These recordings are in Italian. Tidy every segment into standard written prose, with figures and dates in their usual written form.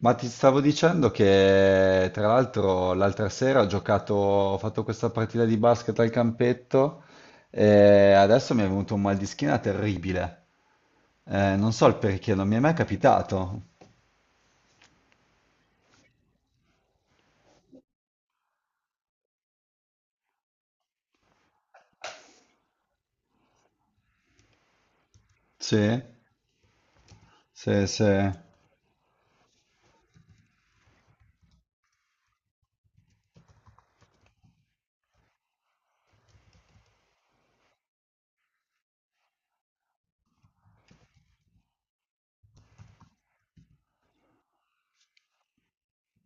Ma ti stavo dicendo che tra l'altro l'altra sera ho giocato, ho fatto questa partita di basket al campetto e adesso mi è venuto un mal di schiena terribile. Non so il perché, non mi è mai capitato. Sì? Sì, sì.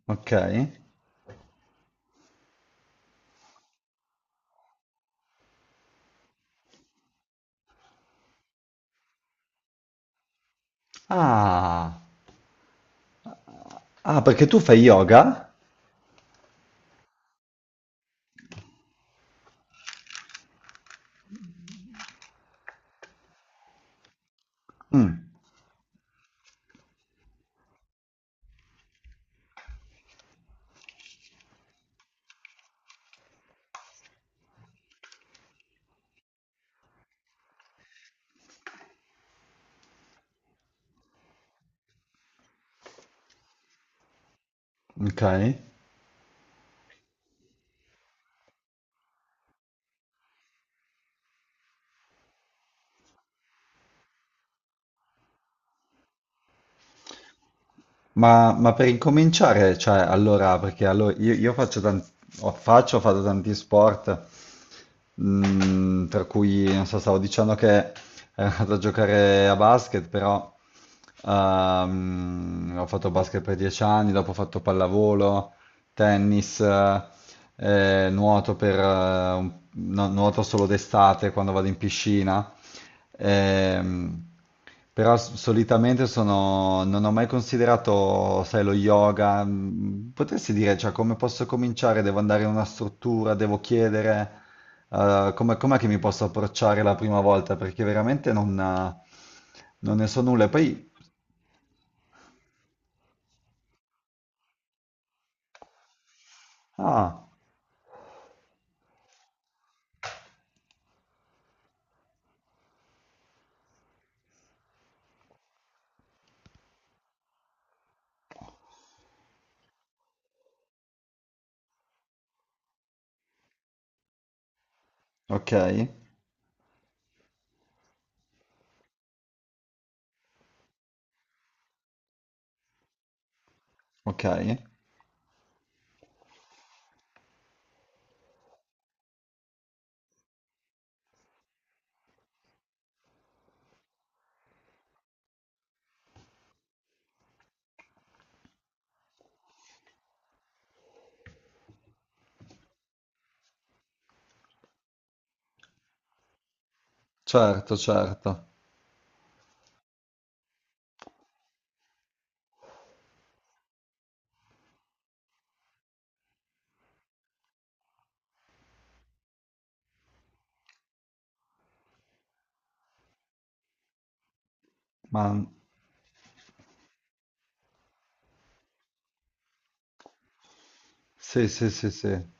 Ok. Ah, ah, perché tu fai yoga? Mm, ok. Ma per incominciare, cioè, allora, io faccio tanti, ho fatto tanti sport, per cui, non so, stavo dicendo che ero andato a giocare a basket, però ho fatto basket per 10 anni, dopo ho fatto pallavolo, tennis, nuoto per, no, nuoto solo d'estate quando vado in piscina. Ehm, però solitamente non ho mai considerato, sai, lo yoga. Potresti dire, cioè, come posso cominciare? Devo andare in una struttura, devo chiedere, com'è che mi posso approcciare la prima volta? Perché veramente non ne so nulla. E poi, ah, ok, ok, certo, certo. Ma sì, sì, sì, sì.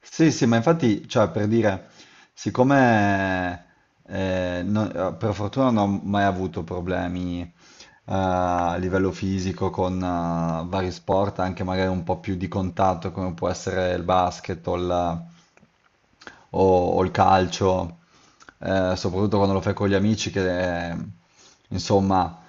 Sì, sì, ma infatti, cioè, per dire, siccome per fortuna non ho mai avuto problemi a livello fisico con vari sport, anche magari un po' più di contatto, come può essere il basket o, o il calcio, soprattutto quando lo fai con gli amici, che insomma,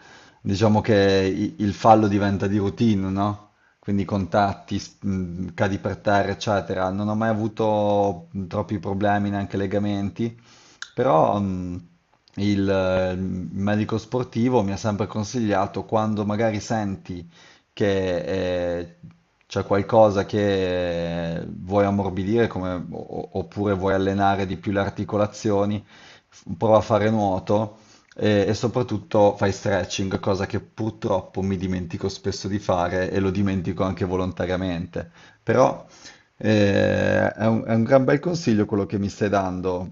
diciamo che il fallo diventa di routine, no? Quindi contatti, cadi per terra, eccetera. Non ho mai avuto troppi problemi, neanche legamenti, però il medico sportivo mi ha sempre consigliato quando magari senti che c'è qualcosa che vuoi ammorbidire oppure vuoi allenare di più le articolazioni, prova a fare nuoto e soprattutto fai stretching, cosa che purtroppo mi dimentico spesso di fare e lo dimentico anche volontariamente. Però è un gran bel consiglio quello che mi stai dando.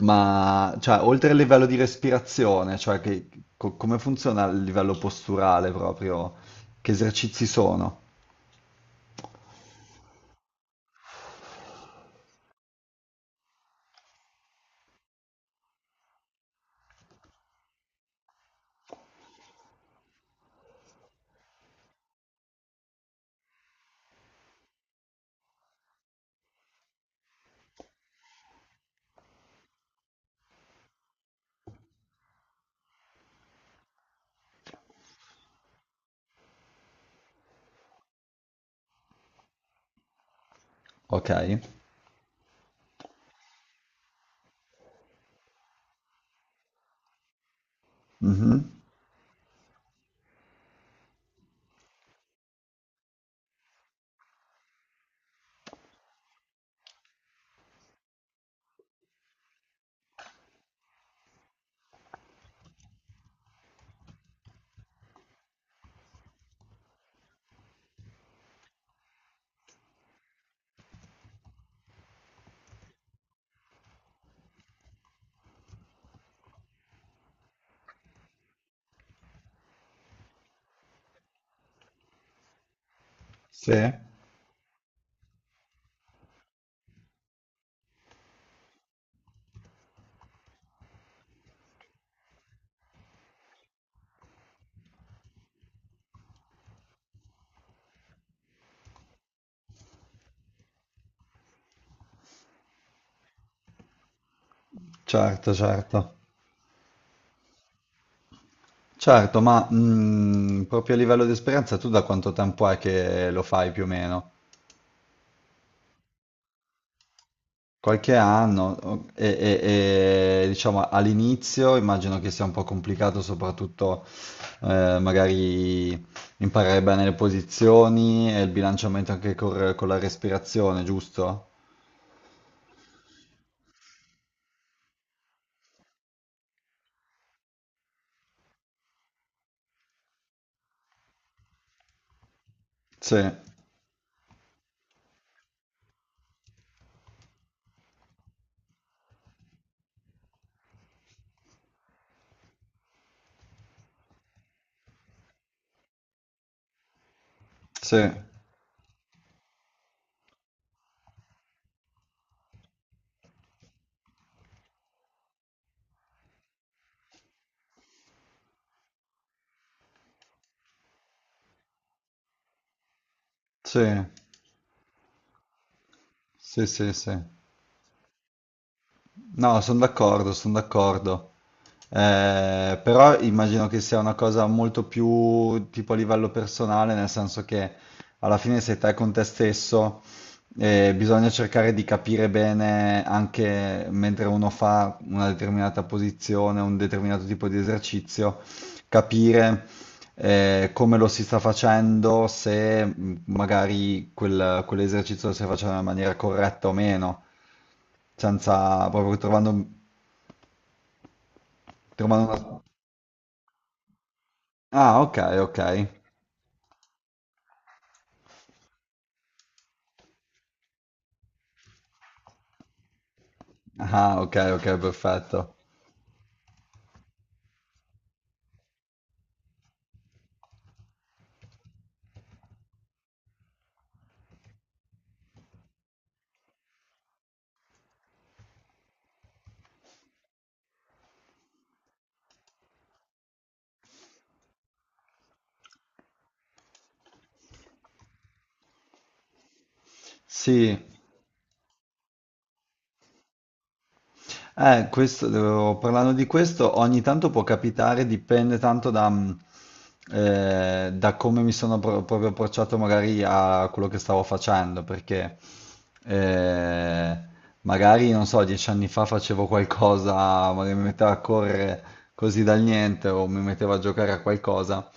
Ma cioè, oltre al livello di respirazione, come funziona il livello posturale proprio? Che esercizi sono? Ok. Mhm. Sì, certo, certo. Certo, ma proprio a livello di esperienza tu da quanto tempo è che lo fai più o meno? Qualche anno diciamo all'inizio immagino che sia un po' complicato soprattutto magari imparare bene le posizioni e il bilanciamento anche con la respirazione, giusto? Sì, sì, sì, sì, sì, sì. No, sono d'accordo, sono d'accordo. Però immagino che sia una cosa molto più tipo a livello personale, nel senso che alla fine sei te con te stesso e bisogna cercare di capire bene anche mentre uno fa una determinata posizione, un determinato tipo di esercizio, capire come lo si sta facendo, se magari quell'esercizio lo stai facendo in maniera corretta o meno, senza proprio trovando una. Ah, ok, ok. Ah, ok, ok, perfetto. Sì. Parlando di questo, ogni tanto può capitare, dipende tanto da, da come mi sono proprio approcciato magari a quello che stavo facendo, perché eh, magari, non so, 10 anni fa facevo qualcosa, magari mi mettevo a correre così dal niente o mi mettevo a giocare a qualcosa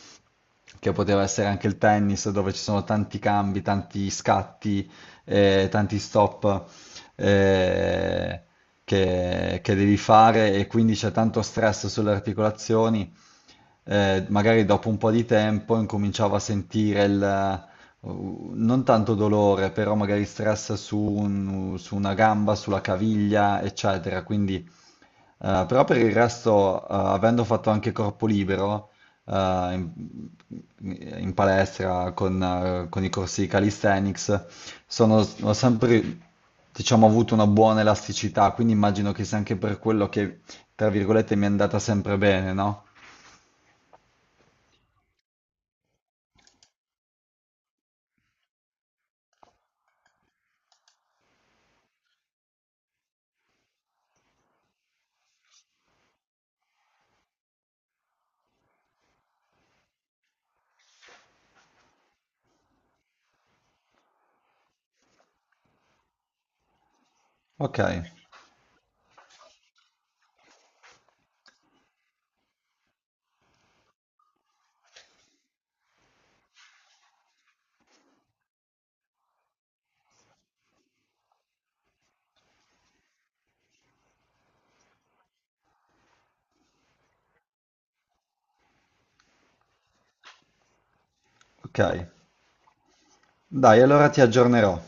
che poteva essere anche il tennis, dove ci sono tanti cambi, tanti scatti, tanti stop eh, che devi fare e quindi c'è tanto stress sulle articolazioni. Magari dopo un po' di tempo incominciavo a sentire non tanto dolore, però magari stress su una gamba, sulla caviglia, eccetera. Quindi però per il resto, avendo fatto anche corpo libero eh, in, in palestra con i corsi di calisthenics, ho sempre, diciamo, avuto una buona elasticità, quindi immagino che sia anche per quello che, tra virgolette, mi è andata sempre bene, no? Ok, ok. Dai, allora ti aggiornerò.